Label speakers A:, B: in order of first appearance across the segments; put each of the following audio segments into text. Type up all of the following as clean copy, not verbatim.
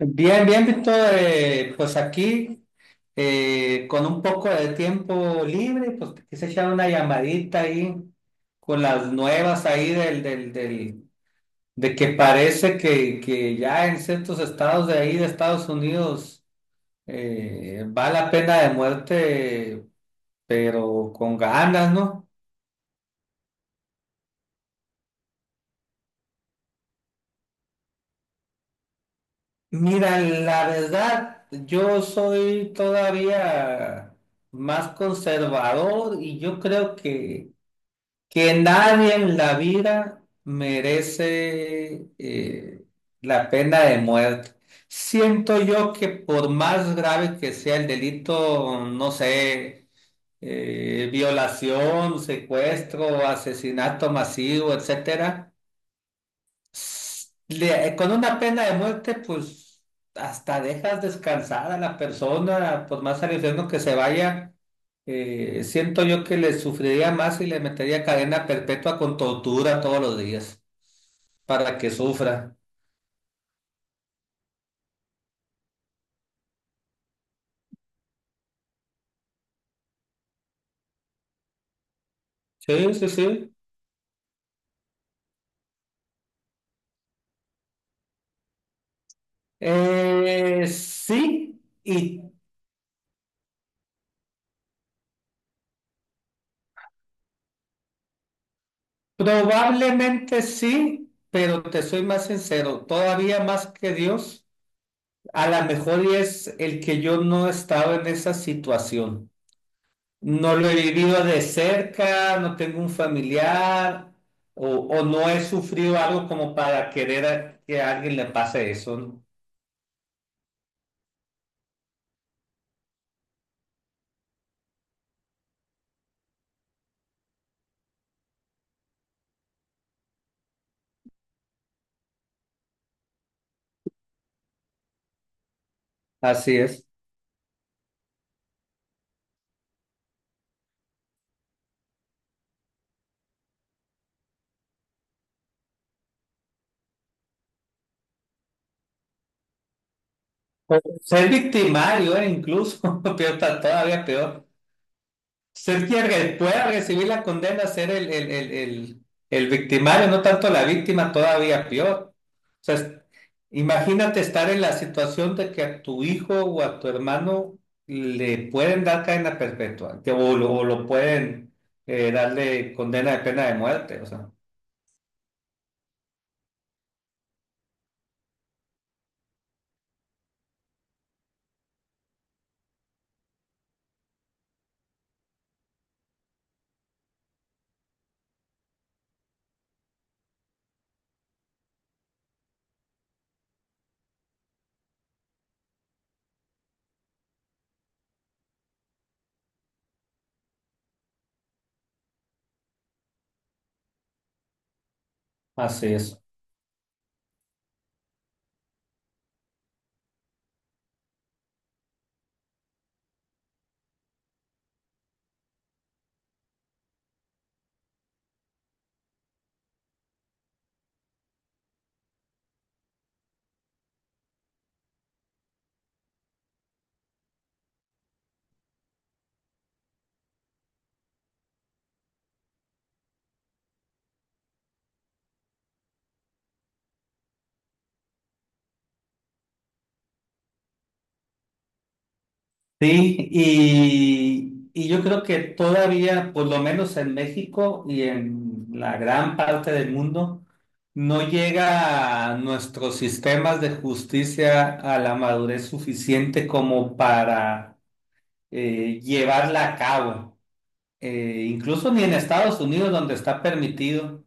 A: Bien, bien, Víctor, pues aquí con un poco de tiempo libre, pues te quise echar una llamadita ahí con las nuevas ahí de que parece que ya en ciertos estados de ahí de Estados Unidos va la pena de muerte, pero con ganas, ¿no? Mira, la verdad, yo soy todavía más conservador y yo creo que nadie en la vida merece la pena de muerte. Siento yo que por más grave que sea el delito, no sé, violación, secuestro, asesinato masivo, etcétera, con una pena de muerte, pues hasta dejas descansar a la persona, por más al infierno que se vaya. Siento yo que le sufriría más y le metería cadena perpetua con tortura todos los días para que sufra. Sí, sí, sí. Sí, y probablemente sí, pero te soy más sincero, todavía más que Dios, a lo mejor y es el que yo no estaba en esa situación. No lo he vivido de cerca, no tengo un familiar o, no he sufrido algo como para querer que a alguien le pase eso, ¿no? Así es. O ser victimario, incluso, peor, está todavía peor. Ser quien pueda recibir la condena, ser el victimario, no tanto la víctima, todavía peor. Imagínate estar en la situación de que a tu hijo o a tu hermano le pueden dar cadena perpetua, o lo pueden darle condena de pena de muerte. O sea, así es. Sí, y yo creo que todavía, por lo menos en México y en la gran parte del mundo, no llega a nuestros sistemas de justicia a la madurez suficiente como para llevarla a cabo. Incluso ni en Estados Unidos, donde está permitido,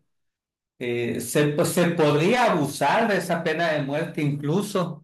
A: pues, se podría abusar de esa pena de muerte incluso.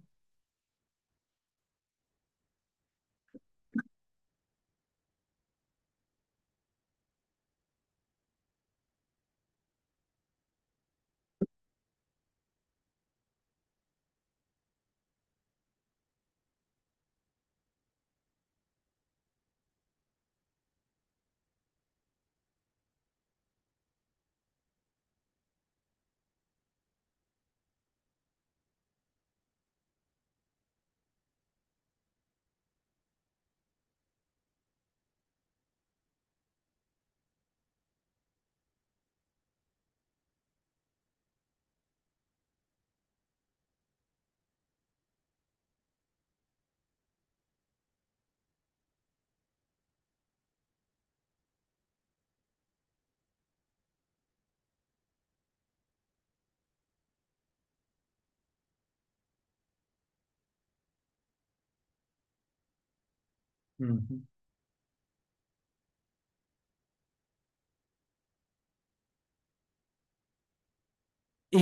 A: Ujú.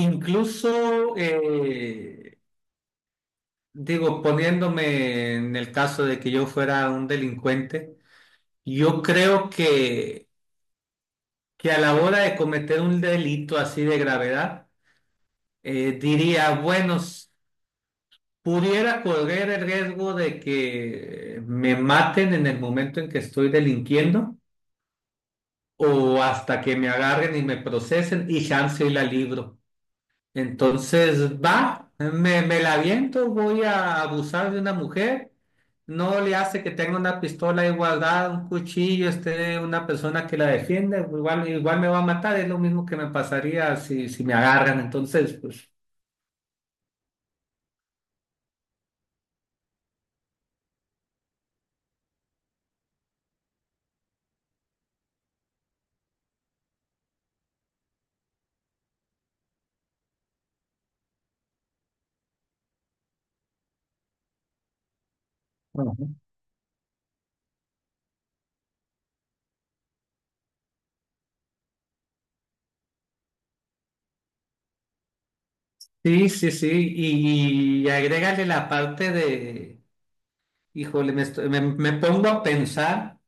A: Incluso... digo, poniéndome en el caso de que yo fuera un delincuente, yo creo que a la hora de cometer un delito así de gravedad, diría, pudiera correr el riesgo de que me maten en el momento en que estoy delinquiendo o hasta que me agarren y me procesen y chance y la libro. Entonces, va, me la aviento, voy a abusar de una mujer. No le hace que tenga una pistola ahí guardada, un cuchillo, esté una persona que la defienda. Igual, igual me va a matar, es lo mismo que me pasaría si me agarran. Entonces, pues. Ujú. Sí, sí, sí, y agrégale la parte de, híjole, me pongo a pensar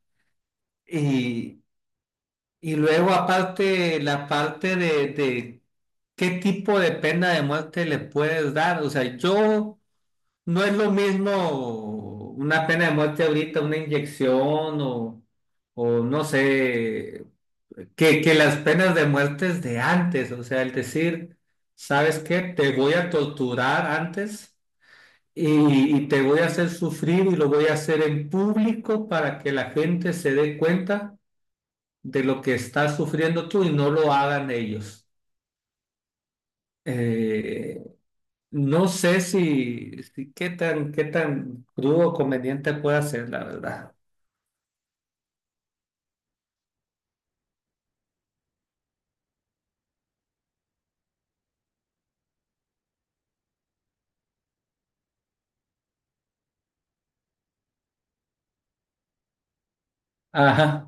A: y Y luego aparte la parte de qué tipo de pena de muerte le puedes dar. O sea, yo no es lo mismo una pena de muerte ahorita, una inyección o no sé, que las penas de muerte de antes. O sea, el decir, ¿sabes qué? Te voy a torturar antes y te voy a hacer sufrir y lo voy a hacer en público para que la gente se dé cuenta de lo que estás sufriendo tú y no lo hagan ellos. Eh, no sé si qué tan crudo o conveniente puede ser, la verdad. Ajá.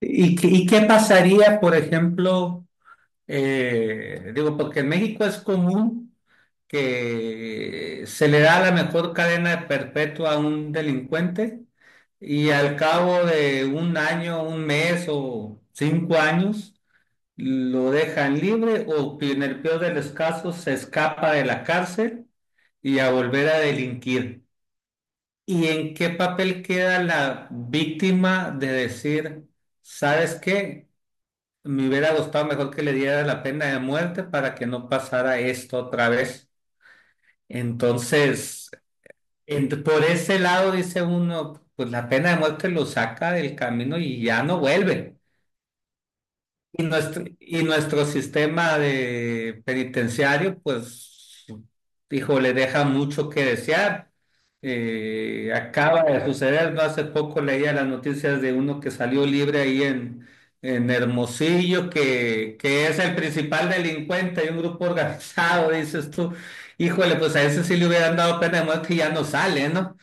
A: ¿ Y qué pasaría, por ejemplo, digo, porque en México es común que se le da la mejor cadena perpetua a un delincuente y al cabo de un año, un mes o 5 años, lo dejan libre o que en el peor de los casos se escapa de la cárcel y a volver a delinquir. ¿Y en qué papel queda la víctima de decir, ¿sabes qué? Me hubiera gustado mejor que le diera la pena de muerte para que no pasara esto otra vez. Entonces, por ese lado dice uno, pues la pena de muerte lo saca del camino y ya no vuelve. Y nuestro sistema de penitenciario, pues, dijo, le deja mucho que desear. Acaba de suceder, no hace poco leía las noticias de uno que salió libre ahí en Hermosillo, que es el principal delincuente de un grupo organizado, dices tú. Híjole, pues a ese sí le hubieran dado pena de muerte y ya no sale, ¿no?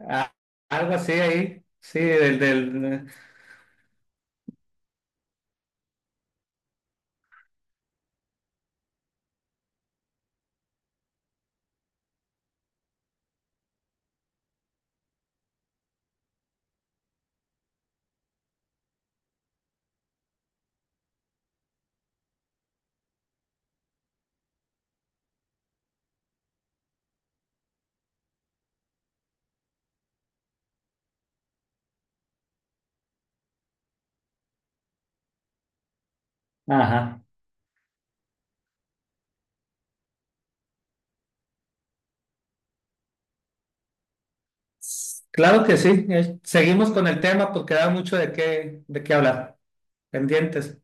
A: A- Algo así ahí, sí, del... Ajá. Claro que sí. Seguimos con el tema porque da mucho de qué hablar. Pendientes.